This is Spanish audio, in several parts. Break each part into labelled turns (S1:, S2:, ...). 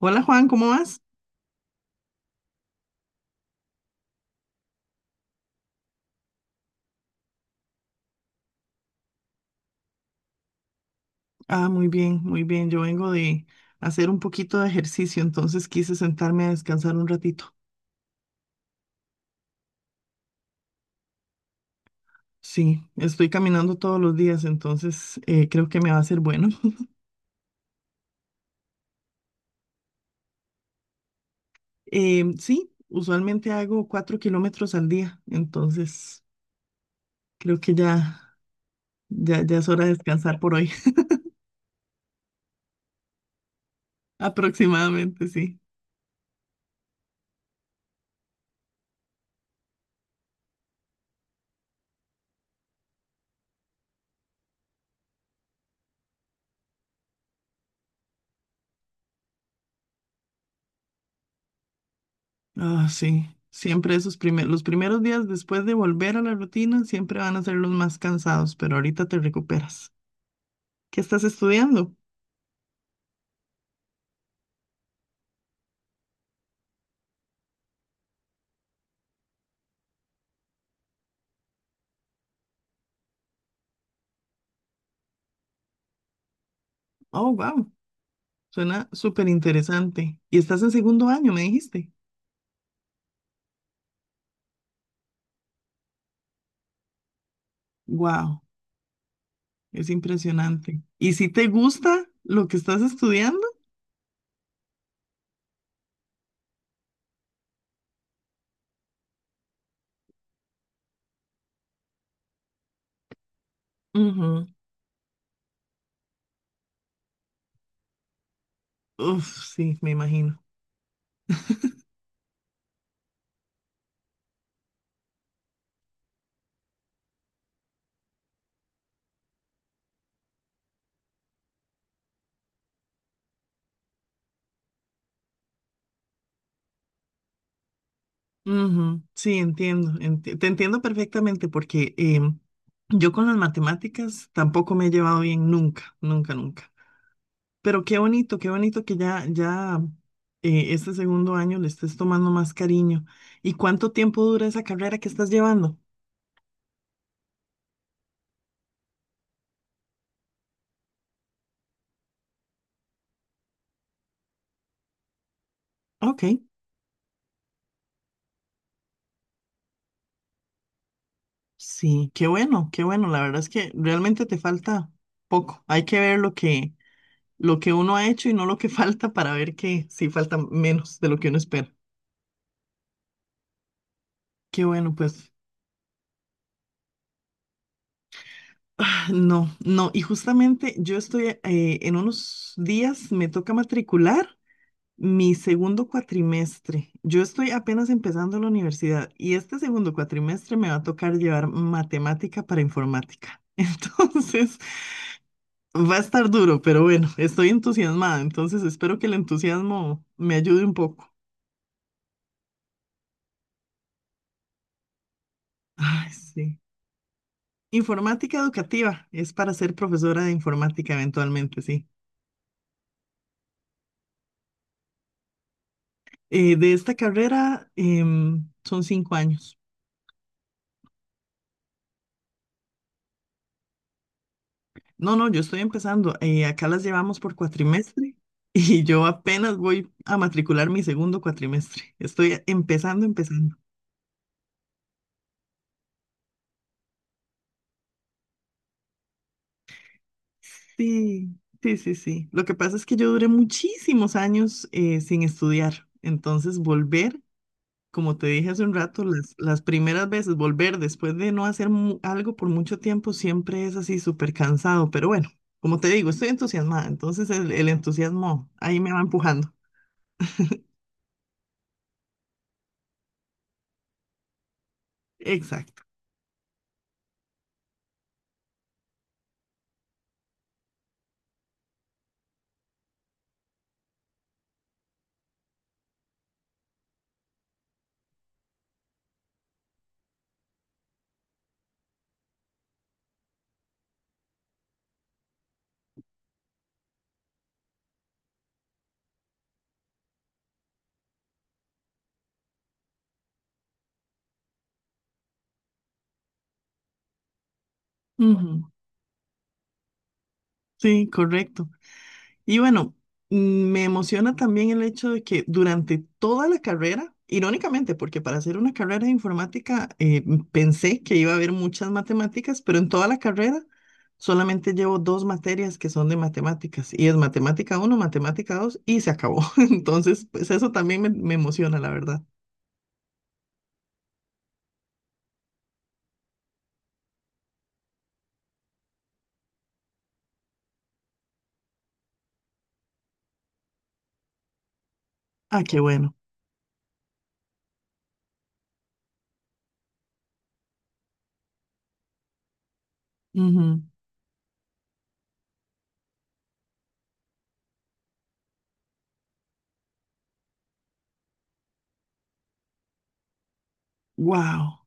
S1: Hola Juan, ¿cómo vas? Ah, muy bien, muy bien. Yo vengo de hacer un poquito de ejercicio, entonces quise sentarme a descansar un ratito. Sí, estoy caminando todos los días, entonces creo que me va a ser bueno. Sí, usualmente hago 4 kilómetros al día, entonces creo que ya, ya, ya es hora de descansar por hoy, aproximadamente, sí. Ah, sí, siempre los primeros días después de volver a la rutina siempre van a ser los más cansados, pero ahorita te recuperas. ¿Qué estás estudiando? Oh, wow. Suena súper interesante. Y estás en segundo año, me dijiste. Wow, es impresionante. ¿Y si te gusta lo que estás estudiando? Ujú. Uf, sí, me imagino. Ujú, sí, entiendo. Te entiendo perfectamente porque yo con las matemáticas tampoco me he llevado bien nunca, nunca, nunca. Pero qué bonito que ya, ya este segundo año le estés tomando más cariño. ¿Y cuánto tiempo dura esa carrera que estás llevando? Ok. Sí, qué bueno, qué bueno. La verdad es que realmente te falta poco. Hay que ver lo que uno ha hecho y no lo que falta para ver que sí falta menos de lo que uno espera. Qué bueno, pues. Ah, no, no. Y justamente en unos días me toca matricular mi segundo cuatrimestre. Yo estoy apenas empezando la universidad y este segundo cuatrimestre me va a tocar llevar matemática para informática. Entonces... Va a estar duro, pero bueno, estoy entusiasmada, entonces espero que el entusiasmo me ayude un poco. Ay, sí. Informática educativa es para ser profesora de informática eventualmente, sí. De esta carrera son 5 años. No, no, yo estoy empezando. Acá las llevamos por cuatrimestre y yo apenas voy a matricular mi segundo cuatrimestre. Estoy empezando, empezando. Sí, sí, sí, sí. Lo que pasa es que yo duré muchísimos años sin estudiar. Entonces, volver, como te dije hace un rato, las primeras veces, volver después de no hacer algo por mucho tiempo, siempre es así súper cansado. Pero bueno, como te digo, estoy entusiasmada. Entonces, el entusiasmo ahí me va empujando. Exacto. Ujú. Sí, correcto. Y bueno, me emociona también el hecho de que durante toda la carrera, irónicamente, porque para hacer una carrera de informática pensé que iba a haber muchas matemáticas, pero en toda la carrera solamente llevo dos materias que son de matemáticas, y es matemática uno matemática 2 y se acabó. Entonces, pues eso también me emociona, la verdad. Ah, qué bueno. Wow.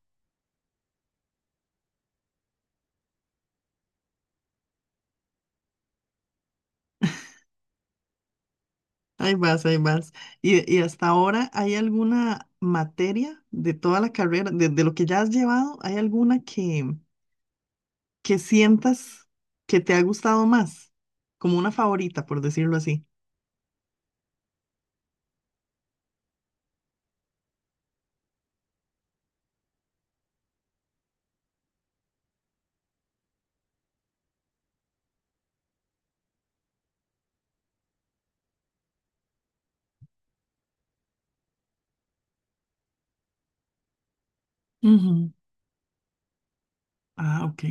S1: Ahí vas, ahí vas. Y hasta ahora, ¿hay alguna materia de toda la carrera, de lo que ya has llevado, hay alguna que sientas que te ha gustado más? Como una favorita, por decirlo así. Ujú. Ah, ok.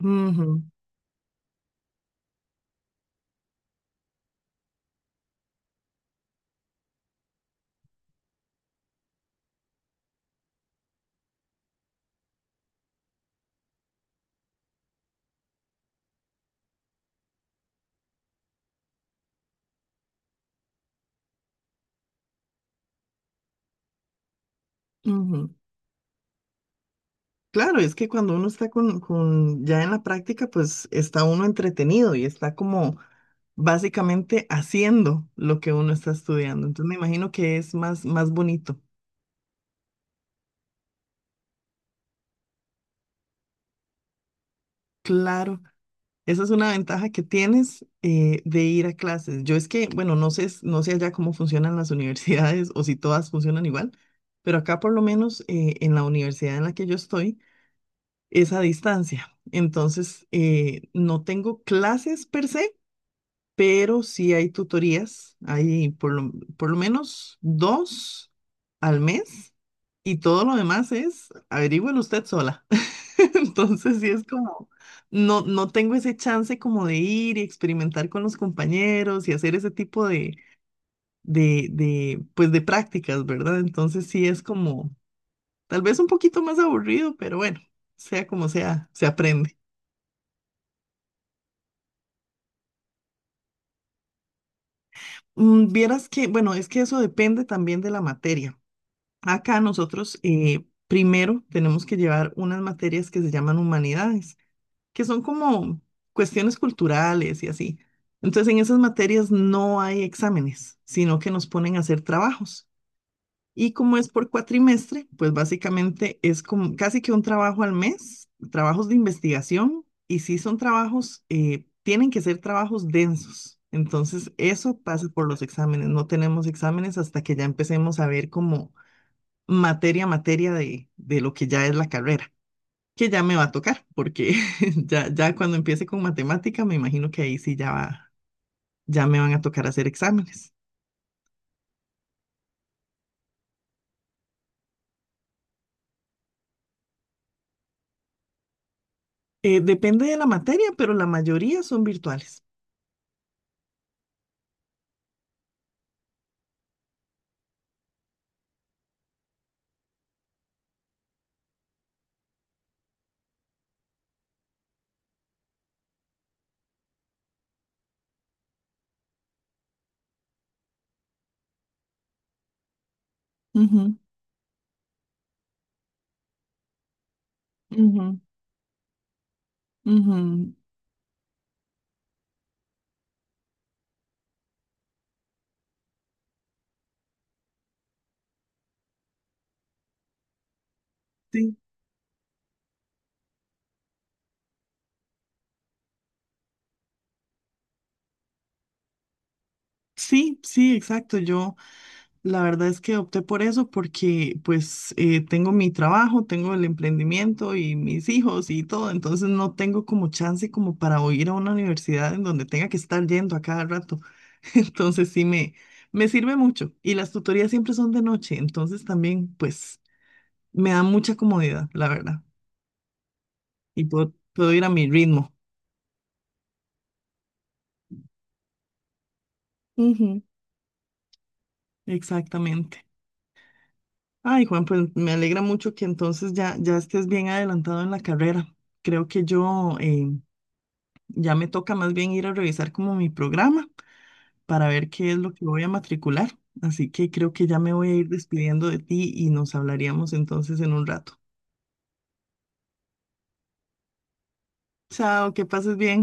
S1: Ujú, ujú. Claro, es que cuando uno está ya en la práctica, pues está uno entretenido y está como básicamente haciendo lo que uno está estudiando. Entonces me imagino que es más bonito. Claro. Esa es una ventaja que tienes de ir a clases. Yo es que, bueno, no sé, no sé allá cómo funcionan las universidades o si todas funcionan igual, pero acá por lo menos en la universidad en la que yo estoy es a distancia. Entonces, no tengo clases per se, pero sí hay tutorías, hay por lo menos dos al mes y todo lo demás es averígüelo usted sola. Entonces sí es como, no, no tengo ese chance como de ir y experimentar con los compañeros y hacer ese tipo pues de prácticas, ¿verdad? Entonces sí es como, tal vez un poquito más aburrido, pero bueno, sea como sea, se aprende. Vieras que, bueno, es que eso depende también de la materia. Acá nosotros primero tenemos que llevar unas materias que se llaman humanidades, que son como cuestiones culturales y así. Entonces en esas materias no hay exámenes, sino que nos ponen a hacer trabajos. Y como es por cuatrimestre, pues básicamente es como casi que un trabajo al mes, trabajos de investigación, y si son trabajos, tienen que ser trabajos densos. Entonces eso pasa por los exámenes. No tenemos exámenes hasta que ya empecemos a ver cómo materia a materia de lo que ya es la carrera, que ya me va a tocar, porque ya, ya cuando empiece con matemática, me imagino que ahí sí ya, ya me van a tocar hacer exámenes. Depende de la materia, pero la mayoría son virtuales. Ujú, ujú, ujú. Sí, sí, sí, exacto. Yo. La verdad es que opté por eso porque pues tengo mi trabajo, tengo el emprendimiento y mis hijos y todo, entonces no tengo como chance como para o ir a una universidad en donde tenga que estar yendo a cada rato. Entonces sí me sirve mucho y las tutorías siempre son de noche, entonces también pues me da mucha comodidad, la verdad, y puedo ir a mi ritmo. Ujú. Exactamente. Ay, Juan, pues me alegra mucho que entonces ya, ya estés bien adelantado en la carrera. Creo que yo Ya me toca más bien ir a revisar como mi programa para ver qué es lo que voy a matricular. Así que creo que ya me voy a ir despidiendo de ti y nos hablaríamos entonces en un rato. Chao, que pases bien.